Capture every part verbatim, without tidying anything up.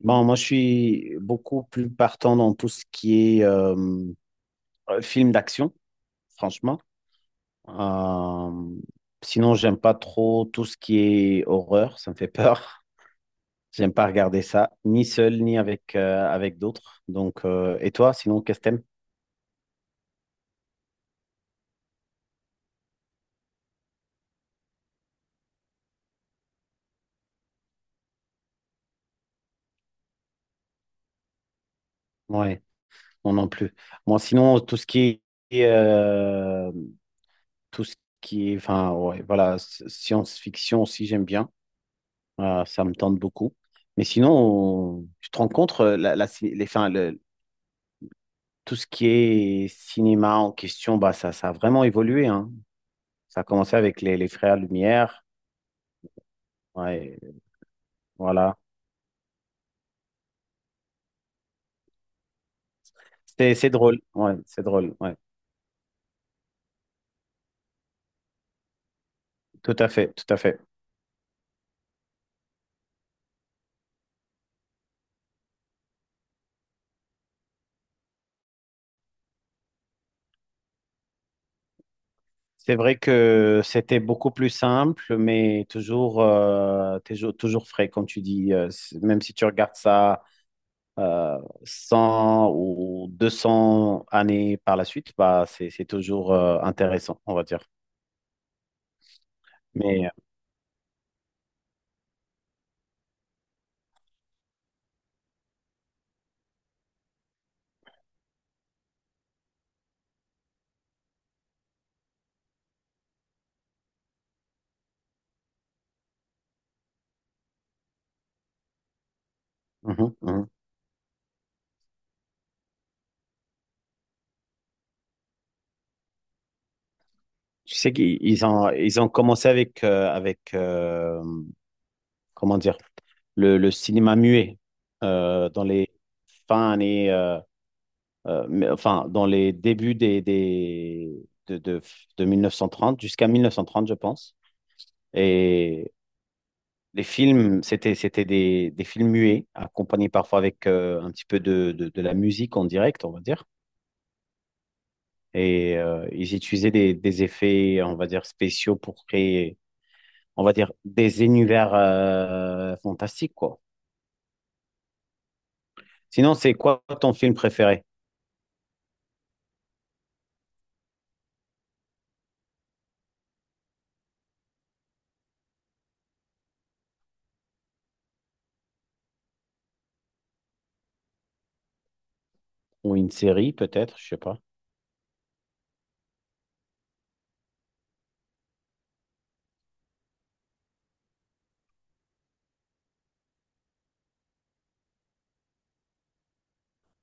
Bon, moi, je suis beaucoup plus partant dans tout ce qui est euh, film d'action, franchement. Euh, Sinon, j'aime pas trop tout ce qui est horreur, ça me fait peur. J'aime pas regarder ça, ni seul, ni avec, euh, avec d'autres. Donc, euh, et toi, sinon, qu'est-ce que t'aimes? Ouais, non, non plus. Moi, sinon, tout ce qui est, euh, tout ce qui est, enfin, ouais, voilà, s- science-fiction aussi, j'aime bien. Euh, ça me tente beaucoup. Mais sinon, on- je te rencontre euh, la, la cin- les, enfin, le- tout ce qui est cinéma en question, bah, ça, ça a vraiment évolué, hein. Ça a commencé avec les, les Frères Lumière. Ouais, voilà. C'est, c'est drôle. Ouais, c'est drôle. Ouais. Tout à fait, tout à fait. C'est vrai que c'était beaucoup plus simple, mais toujours, euh, toujours, toujours frais, comme tu dis. Euh, c'est- même si tu regardes ça euh, cent ou deux cents années par la suite, bah, c'est, c'est toujours euh, intéressant, on va dire. Mais euh, mhm, mhm. Tu sais qu'ils ils ont, ils ont commencé avec, euh, avec euh, comment dire, le, le cinéma muet euh, dans les fins années, euh, euh, mais- enfin, dans les débuts des, des, de, de, de mille neuf cent trente jusqu'à mille neuf cent trente, je pense. Et les films, c'était, c'était des, des films muets, accompagnés parfois avec euh, un petit peu de, de, de la musique en direct, on va dire. Et euh, ils utilisaient des, des effets, on va dire, spéciaux pour créer, on va dire, des univers euh, fantastiques, quoi. Sinon, c'est quoi ton film préféré? Ou une série, peut-être, je sais pas.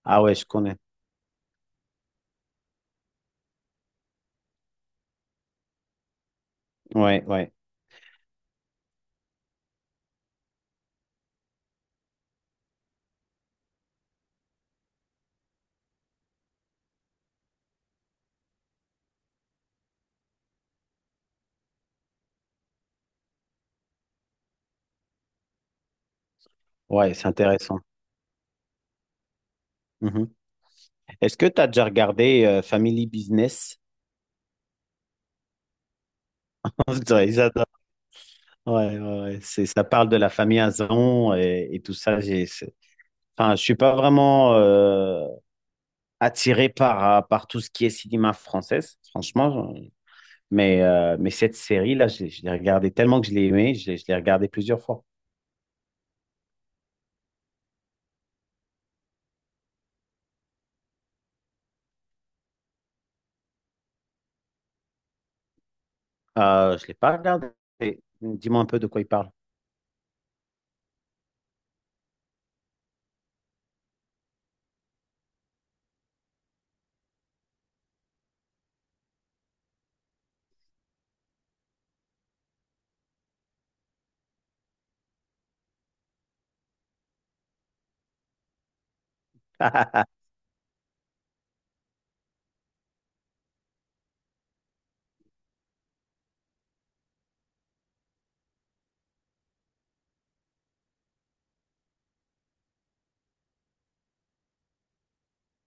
Ah ouais, je connais. Ouais, ouais. Ouais, c'est intéressant. Mhm. Est-ce que tu as déjà regardé euh, Family Business? On dirait, j'adore. Ouais, ouais, ouais. C'est, ça parle de la famille Azon et, et tout ça. J'ai, c'est- enfin, je suis pas vraiment euh, attiré par, euh, par tout ce qui est cinéma française, franchement. Mais, euh, mais cette série-là, je, l'ai je l'ai regardée tellement que je l'ai aimée, je l'ai je l'ai regardée plusieurs fois. Euh, je l'ai pas regardée. Dis-moi un peu de quoi il parle.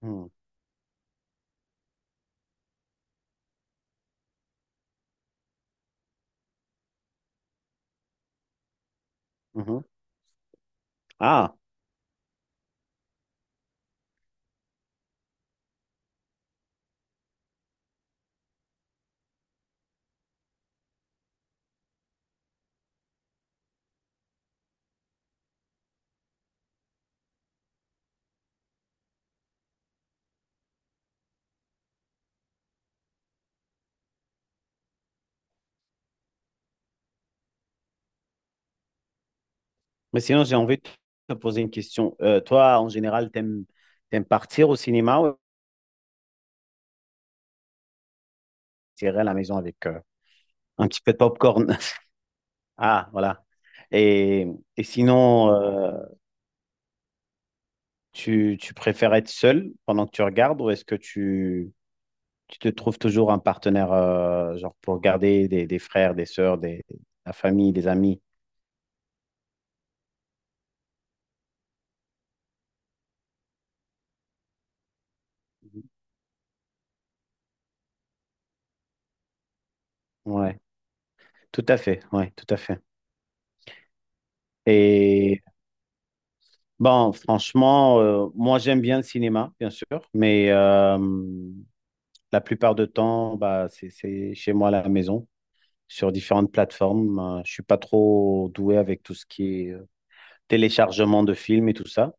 Mhm. Mhm. Ah. Mais sinon, j'ai envie de te poser une question. Euh, toi, en général, t'aimes, t'aimes partir au cinéma ou tirer à la maison avec euh, un petit peu de popcorn? Ah, voilà. Et, et sinon, euh, tu, tu préfères être seul pendant que tu regardes ou est-ce que tu, tu te trouves toujours un partenaire euh, genre pour regarder des, des frères, des sœurs, des, la famille, des amis? Ouais, tout à fait. Ouais, tout à fait. Et bon, franchement, euh, moi j'aime bien le cinéma, bien sûr, mais euh, la plupart du temps, bah, c'est c'est chez moi à la maison, sur différentes plateformes. Euh, Je suis pas trop doué avec tout ce qui est euh, téléchargement de films et tout ça.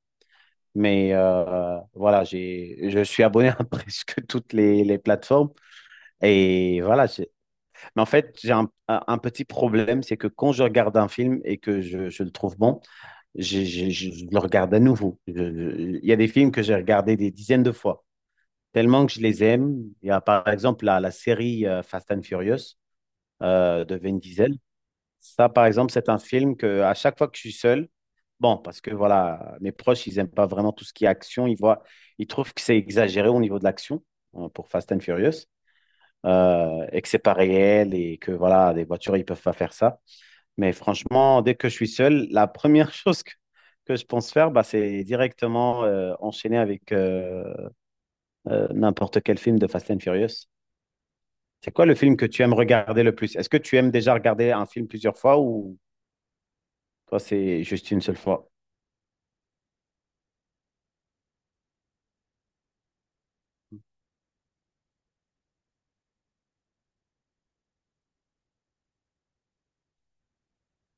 Mais euh, voilà, j'ai, je suis abonné à presque toutes les, les plateformes. Et voilà, j'ai- mais en fait, j'ai un, un- un petit problème, c'est que quand je regarde un film et que je, je le trouve bon, je, je- je- je le regarde à nouveau. Je- je- Il y a des films que j'ai regardés des dizaines de fois, tellement que je les aime. Il y a par exemple la, la série euh, Fast and Furious, euh, de Vin Diesel. Ça, par exemple, c'est un film que à chaque fois que je suis seul, bon, parce que voilà, mes proches, ils n'aiment pas vraiment tout ce qui est action. Ils voient, ils trouvent que c'est exagéré au niveau de l'action, hein, pour Fast and Furious, euh, et que c'est pas réel et que voilà, les voitures, ils peuvent pas faire ça. Mais franchement, dès que je suis seul, la première chose que, que je pense faire, bah, c'est directement euh, enchaîner avec euh, euh, n'importe quel film de Fast and Furious. C'est quoi le film que tu aimes regarder le plus? Est-ce que tu aimes déjà regarder un film plusieurs fois ou toi, c'est juste une seule fois.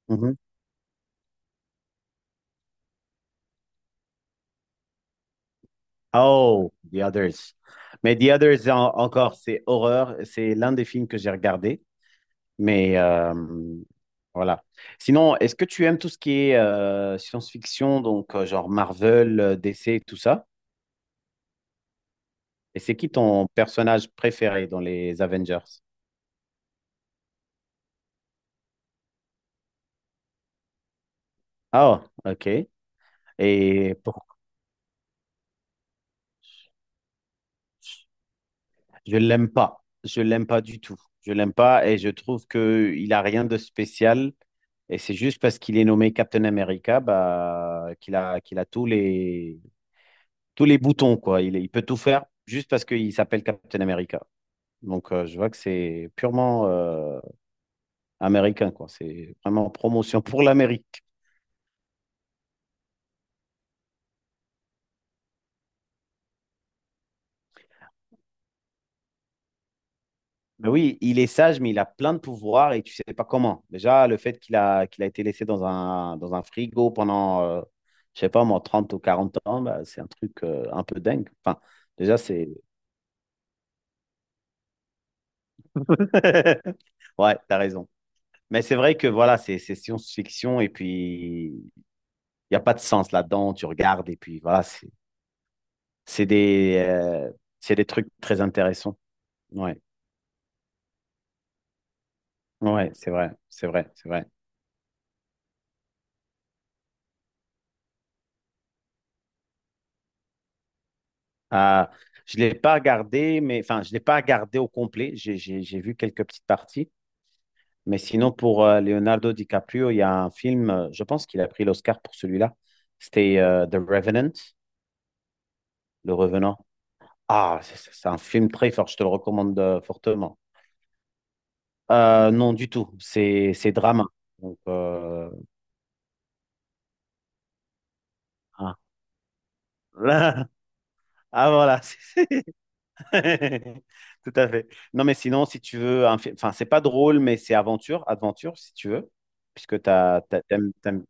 Mhm. Oh, The Others. Mais The Others, en- encore, c'est horreur. C'est l'un des films que j'ai regardé. Mais euh, voilà. Sinon, est-ce que tu aimes tout ce qui est euh, science-fiction, donc euh, genre Marvel, euh, D C, tout ça? Et c'est qui ton personnage préféré dans les Avengers? Ah, ok. Et pour- je l'aime pas. Je l'aime pas du tout. Je l'aime pas et je trouve que il a rien de spécial. Et c'est juste parce qu'il est nommé Captain America, bah, qu'il a, qu'il a tous les, tous les boutons, quoi. Il, est- il peut tout faire juste parce qu'il s'appelle Captain America. Donc, euh, je vois que c'est purement euh, américain, quoi. C'est vraiment promotion pour l'Amérique. Mais oui, il est sage, mais il a plein de pouvoirs et tu sais pas comment. Déjà, le fait qu'il a, qu'il a été laissé dans un, dans un frigo pendant, euh, je sais pas moi, trente ou quarante ans, bah, c'est un truc euh, un peu dingue. Enfin, déjà, c'est... Ouais, t'as raison. Mais c'est vrai que voilà, c'est c'est science-fiction et puis il n'y a pas de sens là-dedans. Tu regardes et puis voilà, c'est c'est des, euh, c'est des trucs très intéressants. Ouais, ouais, c'est vrai, c'est vrai, c'est vrai. Ah, je ne l'ai pas regardé, mais enfin, je l'ai pas regardé au complet. J'ai j'ai- j'ai vu quelques petites parties. Mais sinon, pour euh, Leonardo DiCaprio, il y a un film, euh, je pense qu'il a pris l'Oscar pour celui-là. C'était euh, The Revenant, Le Revenant. Ah, c'est c'est- c'est un film très fort, je te le recommande euh, fortement. Euh, non, du tout. C'est c'est drama. Donc, euh, ah. Ah, voilà. Tout à fait. Non, mais sinon, si tu veux, un fi- enfin, c'est pas drôle, mais c'est aventure, aventure, si tu veux, puisque t'as, t'as- t'aimes- t'aimes-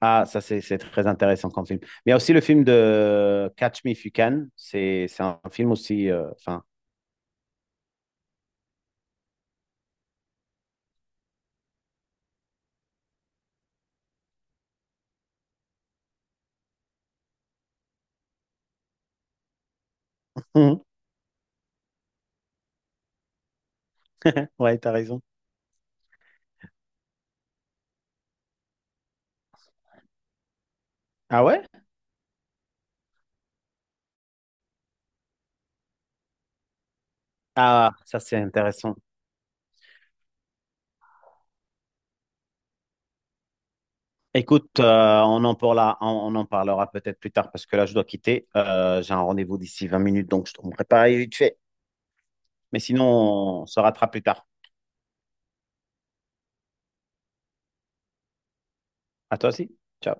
Ah, ça, c'est c'est très intéressant comme film. Mais il y a aussi le film de Catch Me If You Can. C'est c'est un film aussi. euh, Enfin, ouais, t'as raison. Ah ouais? Ah, ça, c'est intéressant. Écoute, euh, on en parlera, on on en parlera peut-être plus tard parce que là, je dois quitter. Euh, j'ai un rendez-vous d'ici vingt minutes, donc je te prépare vite fait. Mais sinon, on se rattrape plus tard. À toi aussi. Ciao.